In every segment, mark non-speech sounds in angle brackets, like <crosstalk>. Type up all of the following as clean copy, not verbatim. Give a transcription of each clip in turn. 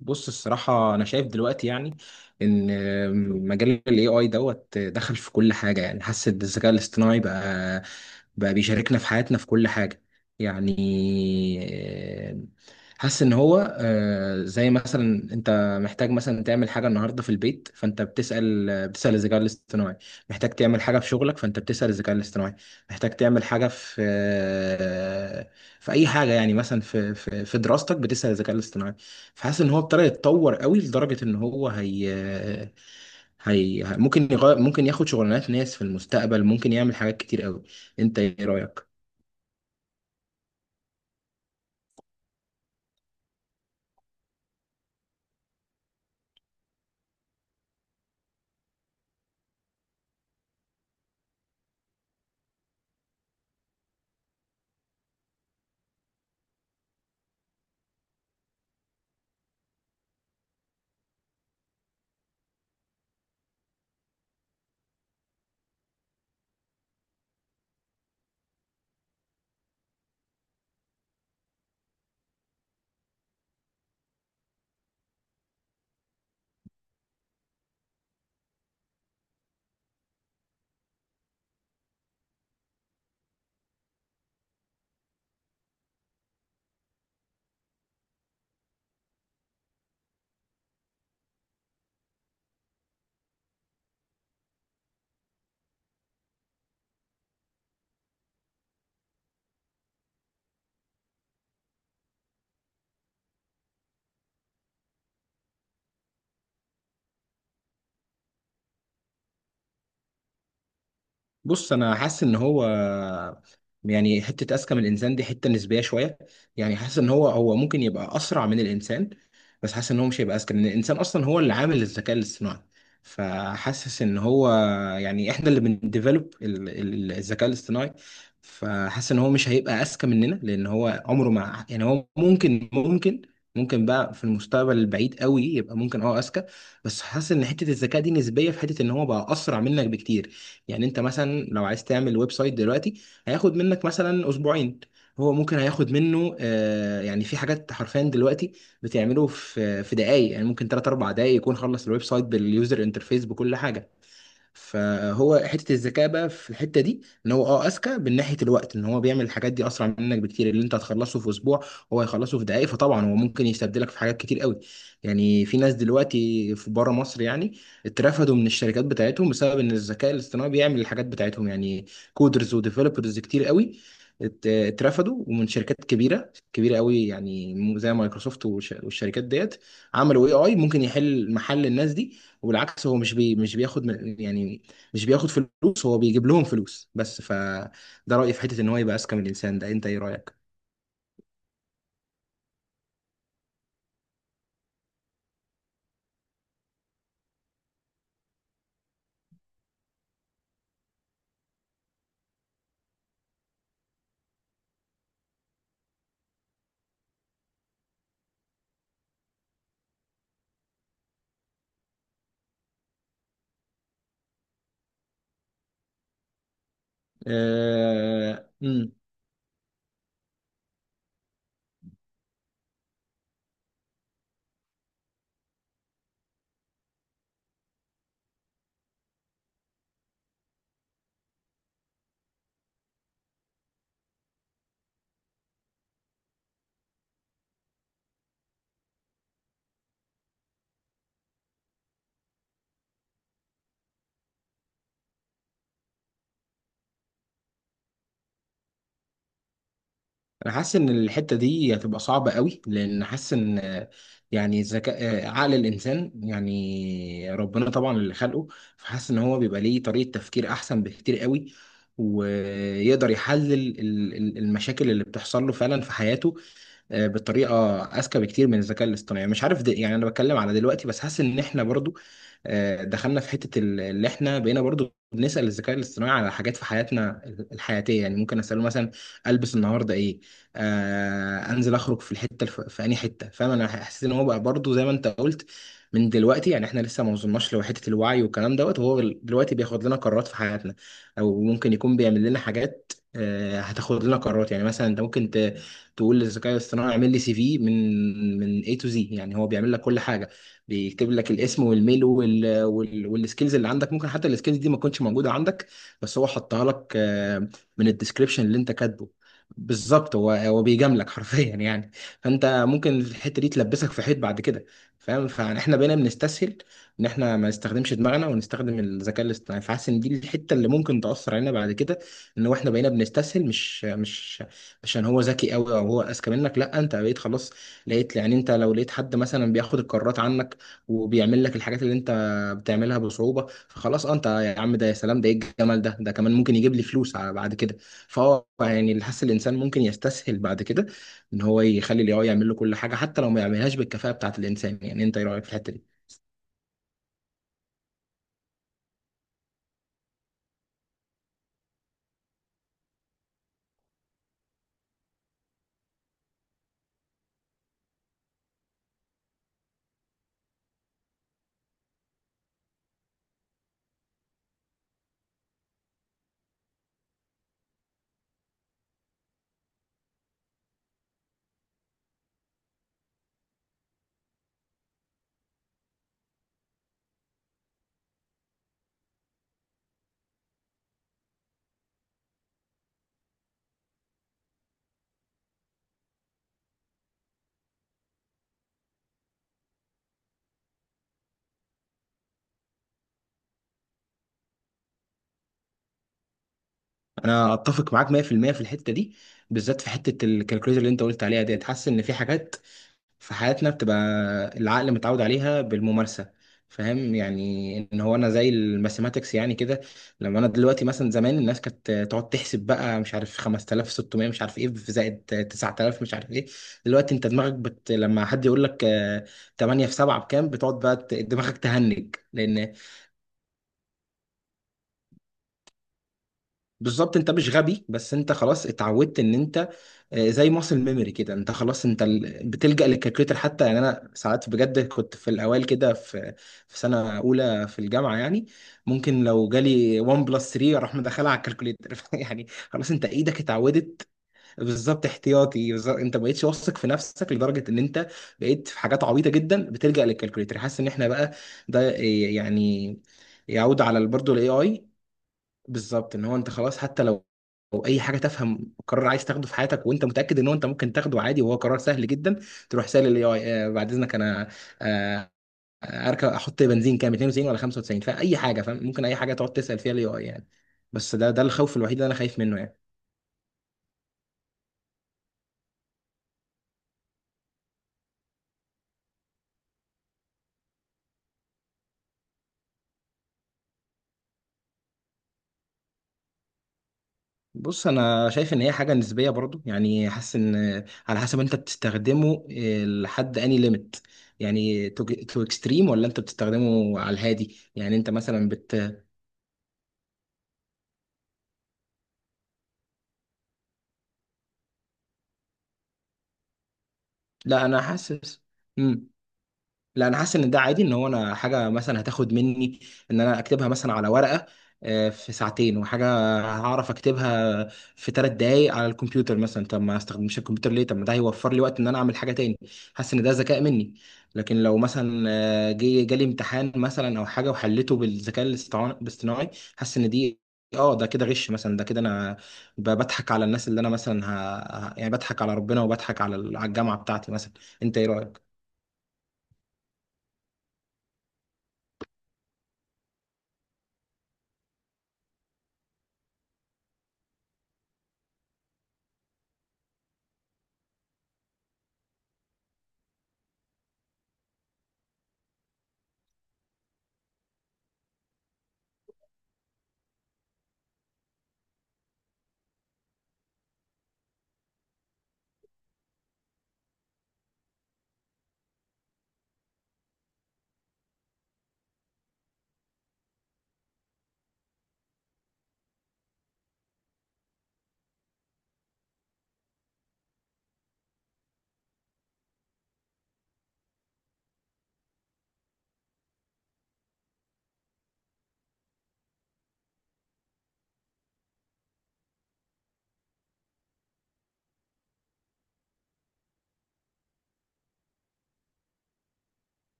بص، الصراحة أنا شايف دلوقتي، يعني إن مجال ال AI دوت دخل في كل حاجة. يعني حاسس إن الذكاء الاصطناعي بقى بيشاركنا في حياتنا في كل حاجة. يعني حاسس إن هو زي مثلا أنت محتاج مثلا تعمل حاجة النهاردة في البيت، فأنت بتسأل الذكاء الاصطناعي. محتاج تعمل حاجة في شغلك فأنت بتسأل الذكاء الاصطناعي. محتاج تعمل حاجة في في أي حاجة. يعني مثلا في دراستك بتسأل الذكاء الاصطناعي. فحاسس ان هو ابتدى يتطور قوي لدرجه ان هو هي ممكن يغير، ممكن ياخد شغلانات ناس في المستقبل، ممكن يعمل حاجات كتير قوي. انت ايه رايك؟ بص انا حاسس ان هو، يعني حته اذكى من الانسان دي حته نسبيه شويه. يعني حاسس ان هو ممكن يبقى اسرع من الانسان، بس حاسس ان هو مش هيبقى اذكى لان الانسان اصلا هو اللي عامل الذكاء الاصطناعي. فحاسس ان هو، يعني احنا اللي بنديفلوب الذكاء الاصطناعي. فحاسس ان هو مش هيبقى اذكى مننا لان هو عمره ما، يعني هو ممكن بقى في المستقبل البعيد قوي يبقى ممكن اه اذكى. بس حاسس ان حته الذكاء دي نسبيه في حته ان هو بقى اسرع منك بكتير. يعني انت مثلا لو عايز تعمل ويب سايت دلوقتي، هياخد منك مثلا اسبوعين. هو ممكن هياخد منه يعني في حاجات حرفيا دلوقتي بتعمله في دقايق. يعني ممكن 3 4 دقايق يكون خلص الويب سايت باليوزر انترفيس بكل حاجة. فهو حته الذكاء بقى في الحته دي ان هو اه اذكى من ناحيه الوقت. ان هو بيعمل الحاجات دي اسرع منك بكتير. اللي انت هتخلصه في اسبوع هو هيخلصه في دقائق. فطبعا هو ممكن يستبدلك في حاجات كتير قوي. يعني في ناس دلوقتي في بره مصر يعني اترفدوا من الشركات بتاعتهم بسبب ان الذكاء الاصطناعي بيعمل الحاجات بتاعتهم. يعني كودرز وديفلوبرز كتير قوي اترفدوا، ومن شركات كبيره كبيره قوي، يعني زي مايكروسوفت والشركات ديت. عملوا اي اي ممكن يحل محل الناس دي. وبالعكس هو مش بياخد يعني مش بياخد فلوس، هو بيجيب لهم فلوس بس. فده رأيي في حتة ان هو يبقى اذكى من الانسان ده. انت ايه رأيك؟ مم. انا حاسس ان الحتة دي هتبقى صعبة قوي لان حاسس ان يعني ذكاء عقل الانسان يعني ربنا طبعا اللي خلقه. فحاسس ان هو بيبقى ليه طريقة تفكير احسن بكتير قوي، ويقدر يحلل المشاكل اللي بتحصل له فعلا في حياته بطريقه اذكى بكتير من الذكاء الاصطناعي. مش عارف ده، يعني انا بتكلم على دلوقتي. بس حاسس ان احنا برضو دخلنا في حته اللي احنا بقينا برضو بنسال الذكاء الاصطناعي على حاجات في حياتنا الحياتيه. يعني ممكن اساله مثلا البس النهارده ايه، انزل اخرج في في انهي حته. فاهم؟ انا حسيت ان هو بقى برضو زي ما انت قلت، من دلوقتي. يعني احنا لسه ما وصلناش لحته الوعي والكلام دوت، وهو دلوقتي بياخد لنا قرارات في حياتنا. او ممكن يكون بيعمل لنا حاجات هتاخد لنا قرارات. يعني مثلا انت ممكن تقول للذكاء الاصطناعي اعمل لي سي في من A to Z. يعني هو بيعمل لك كل حاجه. بيكتب لك الاسم والميل والسكيلز اللي عندك. ممكن حتى السكيلز دي ما تكونش موجوده عندك، بس هو حطها لك من الديسكريبشن اللي انت كاتبه. بالظبط. هو بيجاملك <laughs> حرفيا، يعني فانت ممكن في الحته دي تلبسك في حيط بعد كده. فاهم؟ فاحنا بقينا بنستسهل ان احنا ما نستخدمش دماغنا ونستخدم الذكاء الاصطناعي. فحاسس ان دي الحته اللي ممكن تاثر علينا بعد كده. ان احنا بقينا بنستسهل، مش عشان هو ذكي قوي او هو اذكى منك. لا، انت بقيت خلاص لقيت، يعني انت لو لقيت حد مثلا بياخد القرارات عنك وبيعمل لك الحاجات اللي انت بتعملها بصعوبة، فخلاص انت يا عم ده، يا سلام ده ايه الجمال ده، ده كمان ممكن يجيب لي فلوس بعد كده. فهو يعني اللي حاسس الانسان ممكن يستسهل بعد كده ان هو يخلي الاي اي يعمل له كل حاجة حتى لو ما يعملهاش بالكفاءة بتاعت الانسان. يعني انت ايه رايك في الحتة دي؟ انا اتفق معاك 100% في المية في الحتة دي، بالذات في حتة الكالكوليتر اللي انت قلت عليها ديت. حاسس ان في حاجات في حياتنا بتبقى العقل متعود عليها بالممارسة. فاهم؟ يعني ان هو انا زي الماثيماتكس يعني كده. لما انا دلوقتي مثلا، زمان الناس كانت تقعد تحسب بقى مش عارف 5600 مش عارف ايه في زائد 9000 مش عارف ايه. دلوقتي انت لما حد يقول لك 8 في 7 بكام، بتقعد بقى دماغك تهنج لان بالظبط انت مش غبي. بس انت خلاص اتعودت ان انت زي ماسل ميموري كده. انت خلاص انت بتلجأ للكالكوليتر. حتى يعني انا ساعات بجد كنت في الاوائل كده، في في سنه اولى في الجامعه، يعني ممكن لو جالي 1 بلس 3 اروح مدخلها على الكالكوليتر <laughs> يعني خلاص انت ايدك اتعودت. بالظبط احتياطي. بالظبط انت ما بقتش واثق في نفسك لدرجه ان انت بقيت في حاجات عبيطه جدا بتلجأ للكالكوليتر. حاسس ان احنا بقى ده يعني يعود على برضه الاي اي. بالظبط ان هو انت خلاص، حتى لو اي حاجه تفهم، قرار عايز تاخده في حياتك وانت متاكد ان هو انت ممكن تاخده عادي وهو قرار سهل جدا، تروح سال الاي اي. بعد اذنك انا آه، اركب احط بنزين كام 92 ولا 95، فاي حاجه. فاهم؟ ممكن اي حاجه تقعد تسال فيها الاي اي، يعني. بس ده ده الخوف الوحيد اللي انا خايف منه يعني. بص انا شايف ان هي حاجه نسبيه برضو. يعني حاسس ان على حسب انت بتستخدمه لحد اني ليميت، يعني تو اكستريم، ولا انت بتستخدمه على الهادي. يعني انت مثلا، لا انا حاسس، مم. لا انا حاسس ان ده عادي ان هو انا حاجه مثلا هتاخد مني ان انا اكتبها مثلا على ورقه في ساعتين وحاجه، هعرف اكتبها في 3 دقايق على الكمبيوتر مثلا. طب ما استخدمش الكمبيوتر ليه؟ طب ما ده هيوفر لي وقت ان انا اعمل حاجه تاني. حاسس ان ده ذكاء مني. لكن لو مثلا جالي امتحان مثلا او حاجه وحلته بالذكاء الاصطناعي حاسس ان دي اه ده كده غش مثلا. ده كده انا بضحك على الناس، اللي انا مثلا يعني بضحك على ربنا وبضحك على الجامعه بتاعتي مثلا. انت ايه رايك؟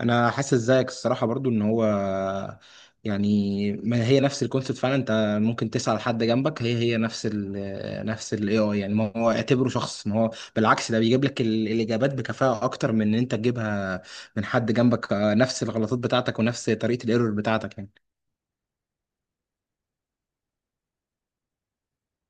انا حاسس زيك الصراحه برضو ان هو يعني ما هي نفس الكونسيبت فعلا. انت ممكن تسأل حد جنبك، هي نفس نفس الاي اي. يعني ما هو اعتبره شخص. ما هو بالعكس، ده بيجيب لك الاجابات بكفاءه اكتر من ان انت تجيبها من حد جنبك نفس الغلطات بتاعتك ونفس طريقه الايرور بتاعتك يعني.